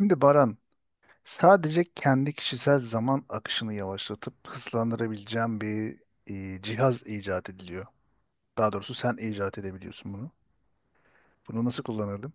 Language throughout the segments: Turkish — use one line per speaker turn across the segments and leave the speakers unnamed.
Şimdi Baran, sadece kendi kişisel zaman akışını yavaşlatıp hızlandırabileceğim bir cihaz icat ediliyor. Daha doğrusu sen icat edebiliyorsun bunu. Bunu nasıl kullanırdım?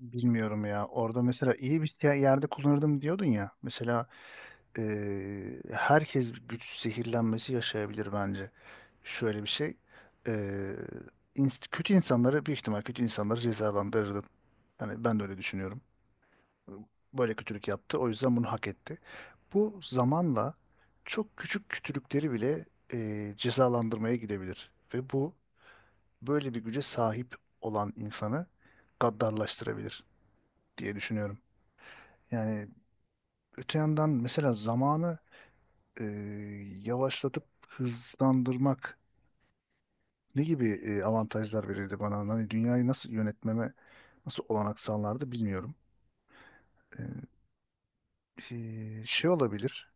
Bilmiyorum ya. Orada mesela iyi bir yerde kullanırdım diyordun ya. Mesela herkes güç zehirlenmesi yaşayabilir bence. Şöyle bir şey. E, Kötü insanları büyük ihtimal kötü insanları cezalandırırdın. Yani ben de öyle düşünüyorum. Böyle kötülük yaptı, o yüzden bunu hak etti. Bu zamanla çok küçük kötülükleri bile cezalandırmaya gidebilir. Ve bu böyle bir güce sahip olan insanı gaddarlaştırabilir diye düşünüyorum. Yani öte yandan mesela zamanı e, yavaşlatıp hızlandırmak ne gibi avantajlar verirdi bana? Hani dünyayı nasıl yönetmeme nasıl olanak sağlardı bilmiyorum. E, Şey olabilir.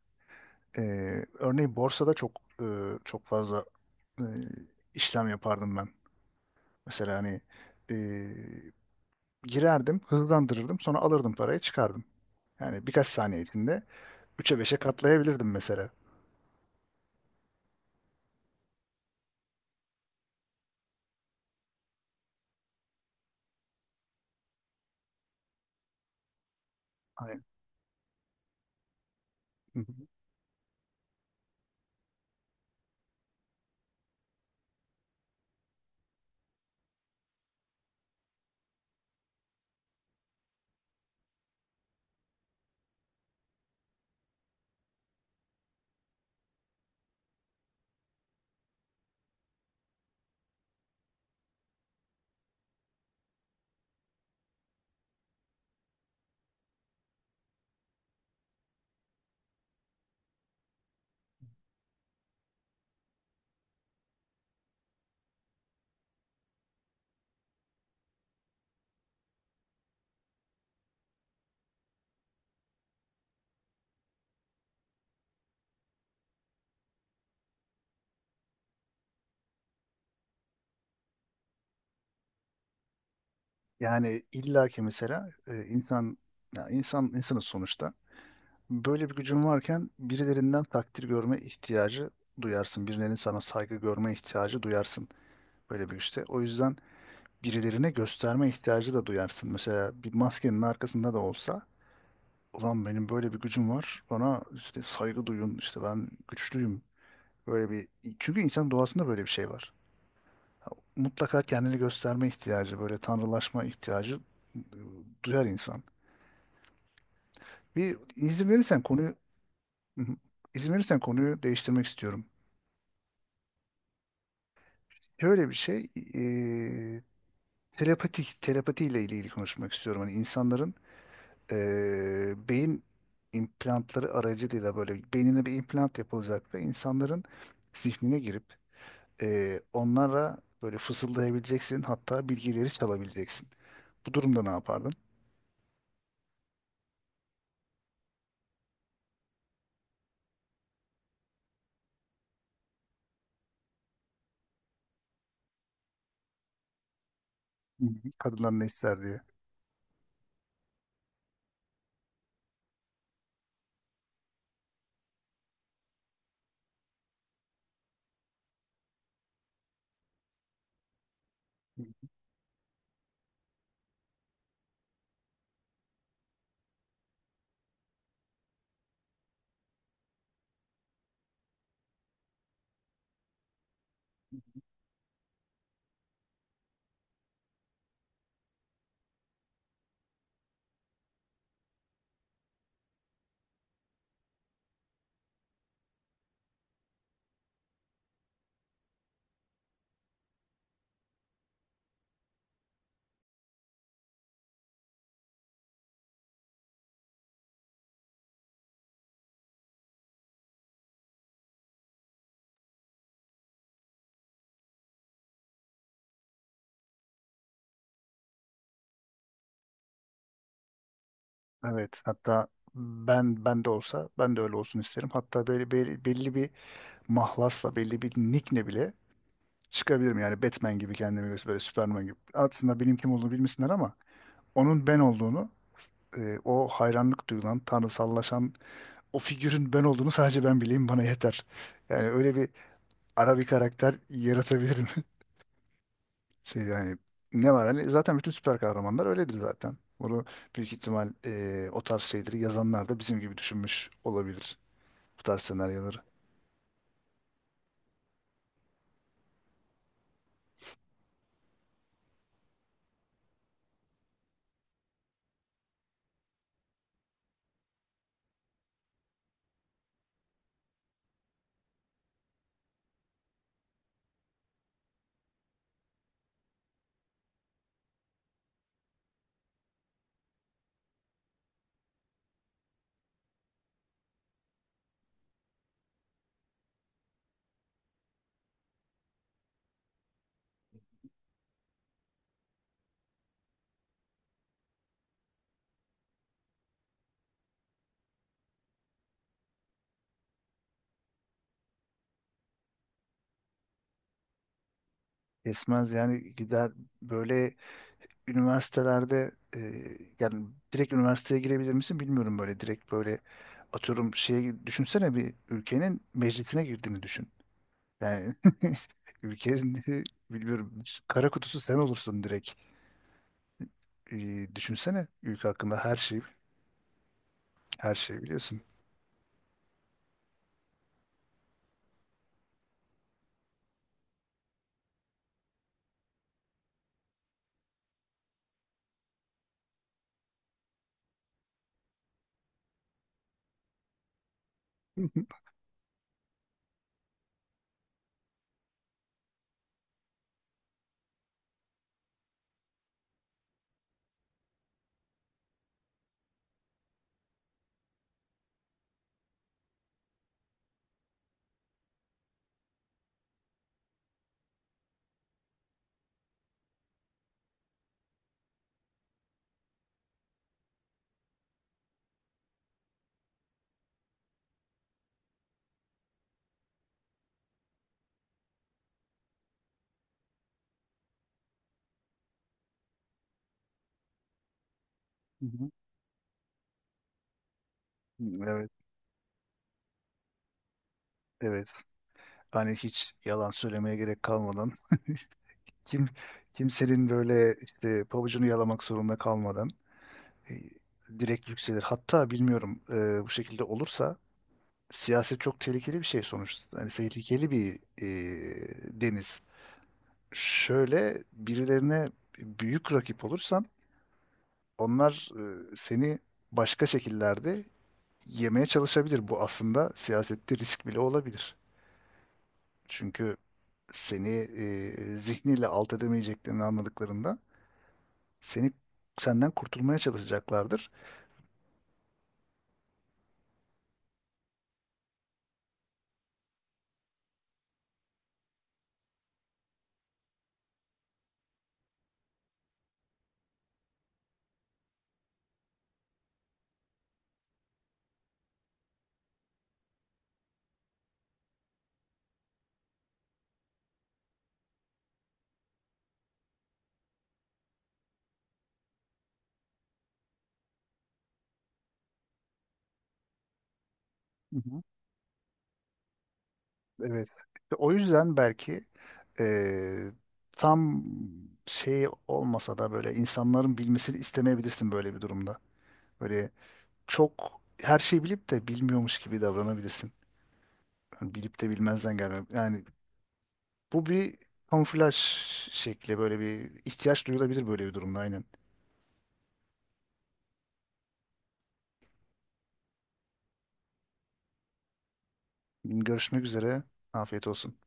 Örneğin borsada çok fazla e, işlem yapardım ben. Mesela hani e, girerdim, hızlandırırdım, sonra alırdım parayı, çıkardım. Yani birkaç saniye içinde 3'e 5'e katlayabilirdim mesela. Hani, hı hı. Yani illaki mesela insan, ya insan insanız sonuçta. Böyle bir gücün varken birilerinden takdir görme ihtiyacı duyarsın. Birilerinin sana saygı görme ihtiyacı duyarsın böyle bir işte. O yüzden birilerine gösterme ihtiyacı da duyarsın. Mesela bir maskenin arkasında da olsa ulan benim böyle bir gücüm var. Bana işte saygı duyun, işte ben güçlüyüm. Böyle bir, çünkü insan doğasında böyle bir şey var. Mutlaka kendini gösterme ihtiyacı, böyle tanrılaşma ihtiyacı e, duyar insan. Bir izin verirsen konuyu, hı hı, izin verirsen konuyu değiştirmek istiyorum. Şöyle bir şey, telepati ile ilgili konuşmak istiyorum. Hani insanların beyin implantları aracılığıyla böyle beynine bir implant yapılacak ve insanların zihnine girip onlara böyle fısıldayabileceksin, hatta bilgileri çalabileceksin. Bu durumda ne yapardın? Hı hı. Kadınlar ne ister diye. Hı. Evet, hatta ben de olsa ben de öyle olsun isterim. Hatta böyle belli bir mahlasla, belli bir nickle bile çıkabilirim. Yani Batman gibi, kendimi böyle Superman gibi. Aslında benim kim olduğunu bilmesinler ama onun ben olduğunu, o hayranlık duyulan, tanrısallaşan o figürün ben olduğunu sadece ben bileyim, bana yeter. Yani öyle bir ara bir karakter yaratabilirim. Şey, yani ne var, hani zaten bütün süper kahramanlar öyledir zaten. Bunu büyük ihtimal o tarz şeyleri yazanlar da bizim gibi düşünmüş olabilir, bu tarz senaryoları. Esmez, yani gider böyle üniversitelerde, yani direkt üniversiteye girebilir misin bilmiyorum, böyle direkt, böyle atıyorum şey, düşünsene bir ülkenin meclisine girdiğini düşün. Yani ülkenin bilmiyorum, kara kutusu sen olursun direkt. Düşünsene, ülke hakkında her şey, her şey biliyorsun. Hı hı. Evet, evet. Hani hiç yalan söylemeye gerek kalmadan, kim kimsenin böyle işte pabucunu yalamak zorunda kalmadan e, direkt yükselir. Hatta bilmiyorum, bu şekilde olursa siyaset çok tehlikeli bir şey sonuçta. Hani tehlikeli bir deniz. Şöyle birilerine büyük rakip olursan, onlar seni başka şekillerde yemeye çalışabilir. Bu aslında siyasette risk bile olabilir. Çünkü seni zihniyle alt edemeyeceklerini anladıklarında seni, senden kurtulmaya çalışacaklardır. Hı hı. Evet. İşte o yüzden belki e, tam şey olmasa da böyle insanların bilmesini istemeyebilirsin böyle bir durumda. Böyle çok, her şeyi bilip de bilmiyormuş gibi davranabilirsin. Yani bilip de bilmezden gelme. Yani bu bir kamuflaj şekli, böyle bir ihtiyaç duyulabilir böyle bir durumda, aynen. Görüşmek üzere. Afiyet olsun.